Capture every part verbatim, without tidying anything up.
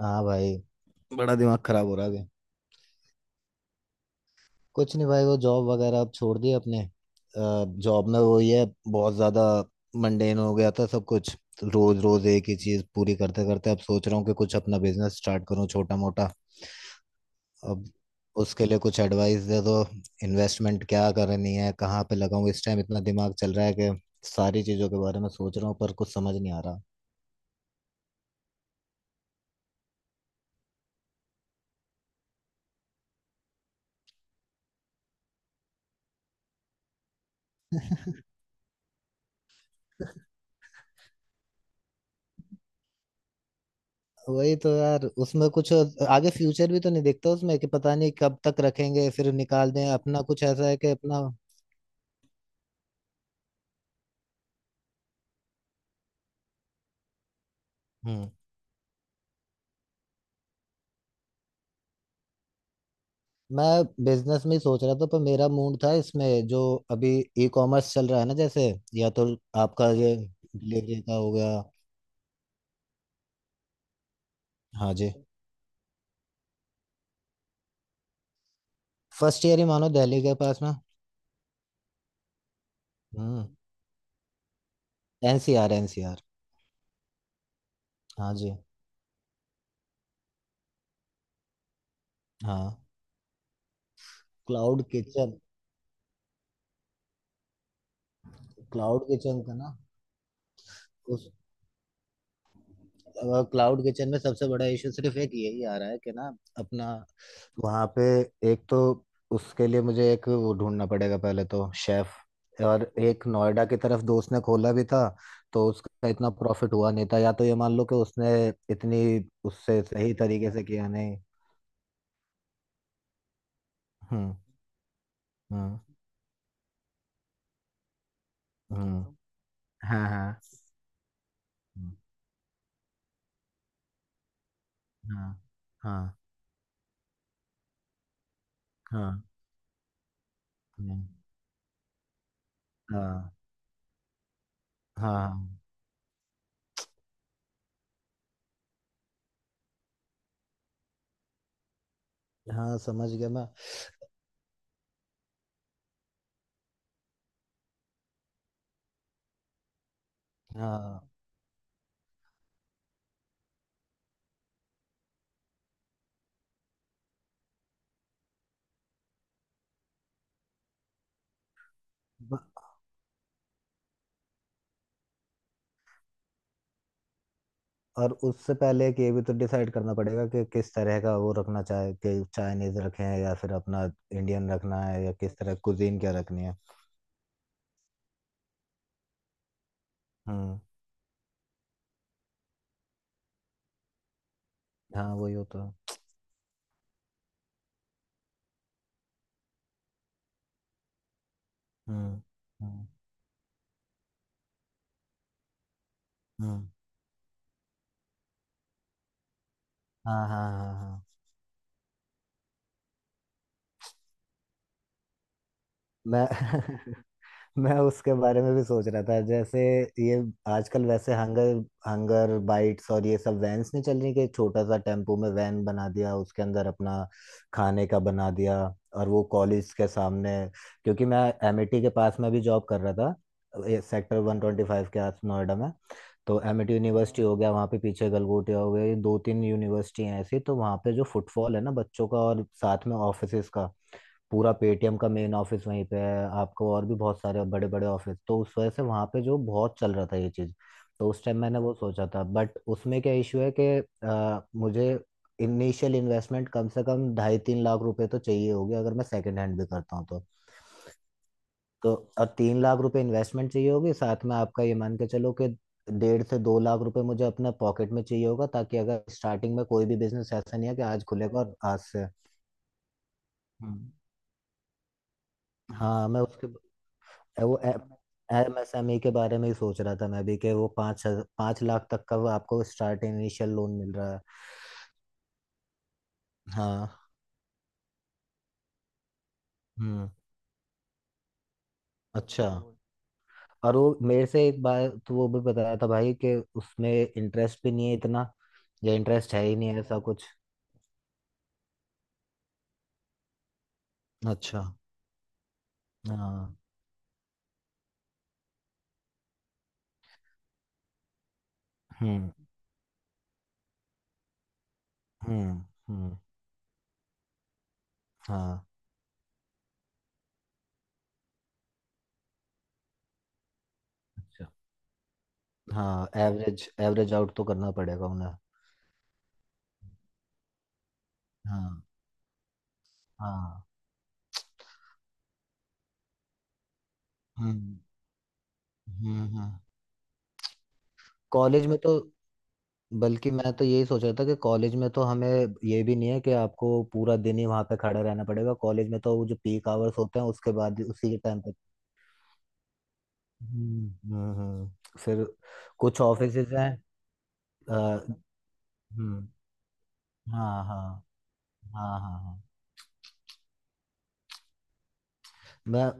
हाँ भाई। बड़ा दिमाग खराब हो रहा है अभी। कुछ नहीं भाई, वो जॉब वगैरह अब छोड़ दी अपने। जॉब में वो ये बहुत ज्यादा मंडेन हो गया था सब कुछ। रोज रोज एक ही चीज पूरी करते करते अब सोच रहा हूँ कि कुछ अपना बिजनेस स्टार्ट करूँ छोटा मोटा। अब उसके लिए कुछ एडवाइस दे दो। इन्वेस्टमेंट क्या करनी है, कहाँ पे लगाऊं। इस टाइम इतना दिमाग चल रहा है कि सारी चीजों के बारे में सोच रहा हूँ पर कुछ समझ नहीं आ रहा। वही तो यार, उसमें कुछ आगे फ्यूचर भी तो नहीं देखता उसमें, कि पता नहीं कब तक रखेंगे, फिर निकाल दें, अपना कुछ ऐसा है कि अपना। हम्म। मैं बिजनेस में ही सोच रहा था, पर मेरा मूड था इसमें जो अभी ई कॉमर्स चल रहा है ना, जैसे या तो आपका ये डिलीवरी का हो गया। हाँ जी। फर्स्ट ईयर ही मानो, दिल्ली के पास में। हम्म। N C R N C R. हाँ जी। हाँ। Cloud kitchen. क्लाउड किचन का ना। उस क्लाउड किचन में सबसे बड़ा इशू सिर्फ एक यही आ रहा है कि ना अपना, वहाँ पे एक तो उसके लिए मुझे एक वो ढूंढना पड़ेगा, पहले तो शेफ। और एक नोएडा की तरफ दोस्त ने खोला भी था, तो उसका इतना प्रॉफिट हुआ नहीं था। या तो ये मान लो कि उसने इतनी उससे सही तरीके से किया नहीं। हम्म। हम्म। हम्म। हाँ हाँ हाँ हाँ हाँ हाँ हाँ हाँ हाँ, समझ गया मैं। हाँ। और उससे पहले कि ये भी तो डिसाइड करना पड़ेगा कि किस तरह का वो रखना चाहे, कि चाइनीज रखें या फिर अपना इंडियन रखना है, या किस तरह कुजीन क्या रखनी है। हम्म। हाँ वही होता है। हम्म हम्म हम्म, हाँ हाँ हाँ हाँ। मैं मैं उसके बारे में भी सोच रहा था, जैसे ये आजकल वैसे हंगर, हंगर बाइट्स और ये सब वैन्स नहीं चल रही, कि छोटा सा टेम्पो में वैन बना दिया, उसके अंदर अपना खाने का बना दिया, और वो कॉलेज के सामने। क्योंकि मैं एमिटी के पास में भी जॉब कर रहा था, सेक्टर वन ट्वेंटी फाइव के आस नोएडा में। तो एमिटी यूनिवर्सिटी हो गया, वहाँ पे पीछे गलगोटिया हो गया, ये दो तीन यूनिवर्सिटी हैं ऐसी। तो वहाँ पे जो फुटफॉल है ना बच्चों का, और साथ में ऑफिसेज का, पूरा पेटीएम का मेन ऑफिस वहीं पे है आपको, और भी बहुत सारे बड़े बड़े ऑफिस। तो उस वजह से वहाँ पे जो बहुत चल रहा था ये चीज़। तो उस टाइम मैंने वो सोचा था, बट उसमें क्या इशू है कि अ, मुझे इनिशियल इन्वेस्टमेंट कम से कम ढाई तीन लाख रुपए तो चाहिए होगी, अगर मैं सेकंड हैंड भी करता हूँ तो। तो और तीन लाख रुपए इन्वेस्टमेंट चाहिए होगी, साथ में आपका ये मान के चलो कि डेढ़ से दो लाख रुपए मुझे अपने पॉकेट में चाहिए होगा, ताकि अगर स्टार्टिंग में कोई भी बिजनेस ऐसा नहीं है कि आज खुलेगा और आज से। हम्म। हाँ मैं उसके ए- वो एम एस एम ई के बारे में ही सोच रहा था मैं भी, कि वो पाँच हज- पाँच लाख तक का वो आपको स्टार्ट इनिशियल लोन मिल रहा है। हाँ। हम्म। अच्छा। और वो मेरे से एक बार तो वो भी बताया था भाई कि उसमें इंटरेस्ट भी नहीं है इतना, या इंटरेस्ट है ही नहीं, ऐसा कुछ। अच्छा। हाँ। हम्म। हम्म। हम्म। हाँ। अच्छा। हाँ एवरेज एवरेज आउट तो करना पड़ेगा उन्हें। हाँ हाँ। हम्म। हम्म हम्म। कॉलेज में तो, बल्कि मैं तो यही सोच रहा था कि कॉलेज में तो हमें ये भी नहीं है कि आपको पूरा दिन ही वहां पे खड़े रहना पड़ेगा। कॉलेज में तो वो जो पीक आवर्स होते हैं उसके बाद, उसी के टाइम पे। हम्म। हम्म हम्म। फिर कुछ ऑफिसेज हैं। अ, हम्म। हाँ हाँ हाँ हाँ। हाँ। मैं,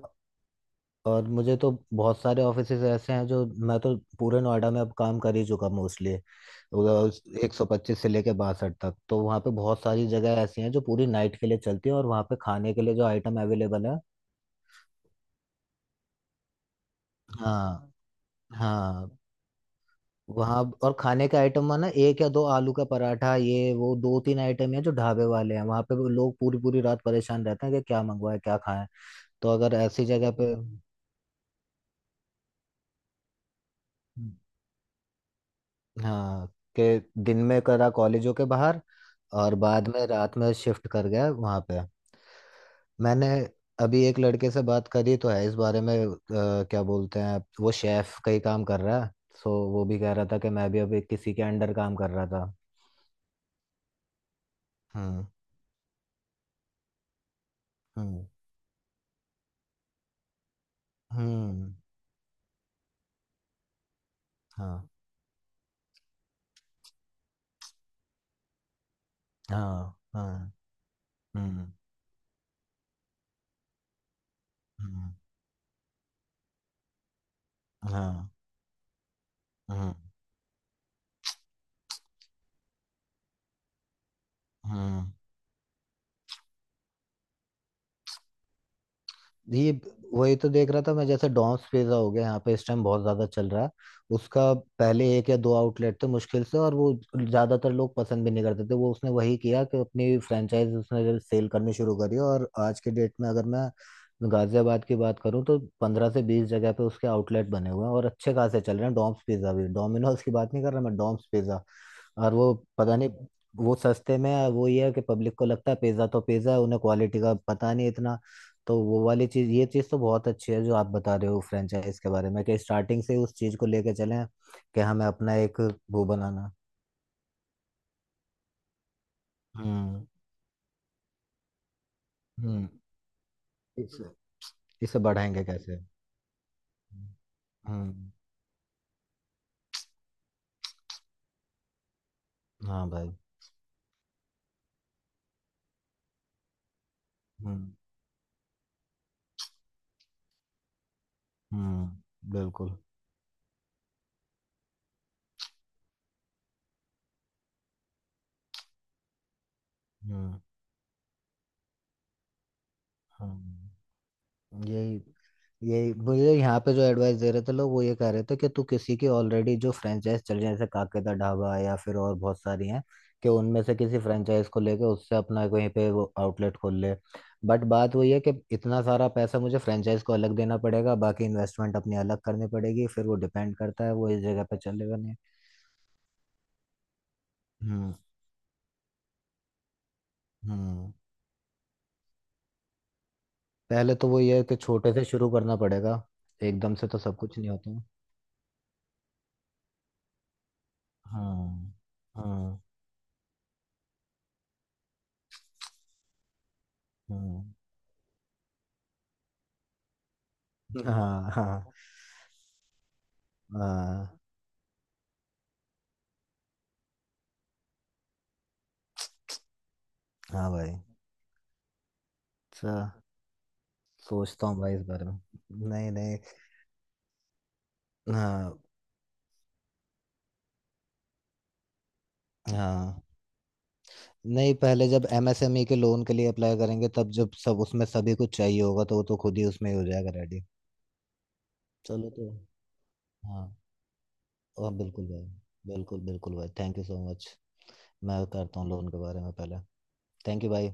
और मुझे तो बहुत सारे ऑफिसेज ऐसे हैं जो मैं तो पूरे नोएडा में अब काम कर ही चुका मोस्टली। एक सौ पच्चीस से लेके बासठ तक, तो वहाँ पे बहुत सारी जगह ऐसी हैं जो पूरी नाइट के लिए चलती हैं, और वहाँ पे खाने के लिए जो आइटम अवेलेबल है। हाँ। हाँ। वहाँ और खाने का आइटम माना एक या दो आलू का पराठा, ये वो दो तीन आइटम है जो ढाबे वाले हैं वहाँ पे। वो लोग पूरी पूरी रात परेशान रहते हैं कि क्या मंगवाए क्या खाएं। तो अगर ऐसी जगह पे। हाँ, कि दिन में करा कॉलेजों के बाहर, और बाद में रात में शिफ्ट कर गया वहाँ पे। मैंने अभी एक लड़के से बात करी तो है इस बारे में, अ, क्या बोलते हैं, वो शेफ का ही काम कर रहा है। सो वो भी कह रहा था कि मैं भी अभी किसी के अंडर काम कर रहा था। हम्म। हम्म। हम्म। हाँ हाँ हाँ। हम्म। हम्म। हाँ। हम्म। हम्म। ये, वही तो देख रहा था मैं, जैसे डॉम्स पिज्जा हो गया यहाँ पे इस टाइम बहुत ज्यादा चल रहा है। उसका पहले एक या दो आउटलेट थे मुश्किल से, और वो ज्यादातर लोग पसंद भी नहीं करते थे। वो उसने वही किया कि अपनी फ्रेंचाइज उसने सेल करनी शुरू करी, और आज के डेट में अगर मैं गाजियाबाद की बात करूँ तो पंद्रह से बीस जगह पे उसके आउटलेट बने हुए हैं, और अच्छे खासे चल रहे हैं। डॉम्स पिज्जा, भी डोमिनोज की बात नहीं कर रहा मैं, डॉम्स पिज्जा। और वो पता नहीं, वो सस्ते में है, वो ये है कि पब्लिक को लगता है पिज्जा तो पिज्जा है, उन्हें क्वालिटी का पता नहीं इतना। तो वो वाली चीज, ये चीज तो बहुत अच्छी है जो आप बता रहे हो फ्रेंचाइज के बारे में, कि स्टार्टिंग से उस चीज को लेके चलें कि हमें अपना एक वो बनाना। हम्म। हम्म। इसे, इसे बढ़ाएंगे कैसे। हम्म। हाँ भाई। हम्म। हम्म बिल्कुल। हम्म। हम्म। यही, यही मुझे यहाँ पे जो एडवाइस दे रहे थे लोग वो ये कह रहे थे कि तू किसी की ऑलरेडी जो फ्रेंचाइज चल रही है, जैसे काके दा ढाबा या फिर और बहुत सारी हैं, कि उनमें से किसी फ्रेंचाइज को लेके उससे अपना कहीं पे वो आउटलेट खोल ले। बट बात वही है कि इतना सारा पैसा मुझे फ्रेंचाइज को अलग देना पड़ेगा, बाकी इन्वेस्टमेंट अपनी अलग करनी पड़ेगी, फिर वो डिपेंड करता है वो इस जगह पे चलेगा नहीं। हम्म। हम्म। पहले तो वो ये है कि छोटे से शुरू करना पड़ेगा, एकदम से तो सब कुछ नहीं होता। हम्म। हम्म। हम्म। हाँ हाँ हाँ। हाँ भाई। अच्छा। सोचता हूँ भाई इस बारे में। नहीं नहीं। हाँ। हाँ, नहीं पहले जब एम एस एम ई के लोन के लिए अप्लाई करेंगे, तब जब सब उसमें सभी कुछ चाहिए होगा, तो वो तो खुद ही उसमें हो जाएगा रेडी। चलो तो। हाँ। हाँ बिल्कुल भाई। बिल्कुल बिल्कुल भाई, थैंक यू सो मच। मैं करता हूँ लोन के बारे में पहले। थैंक यू भाई।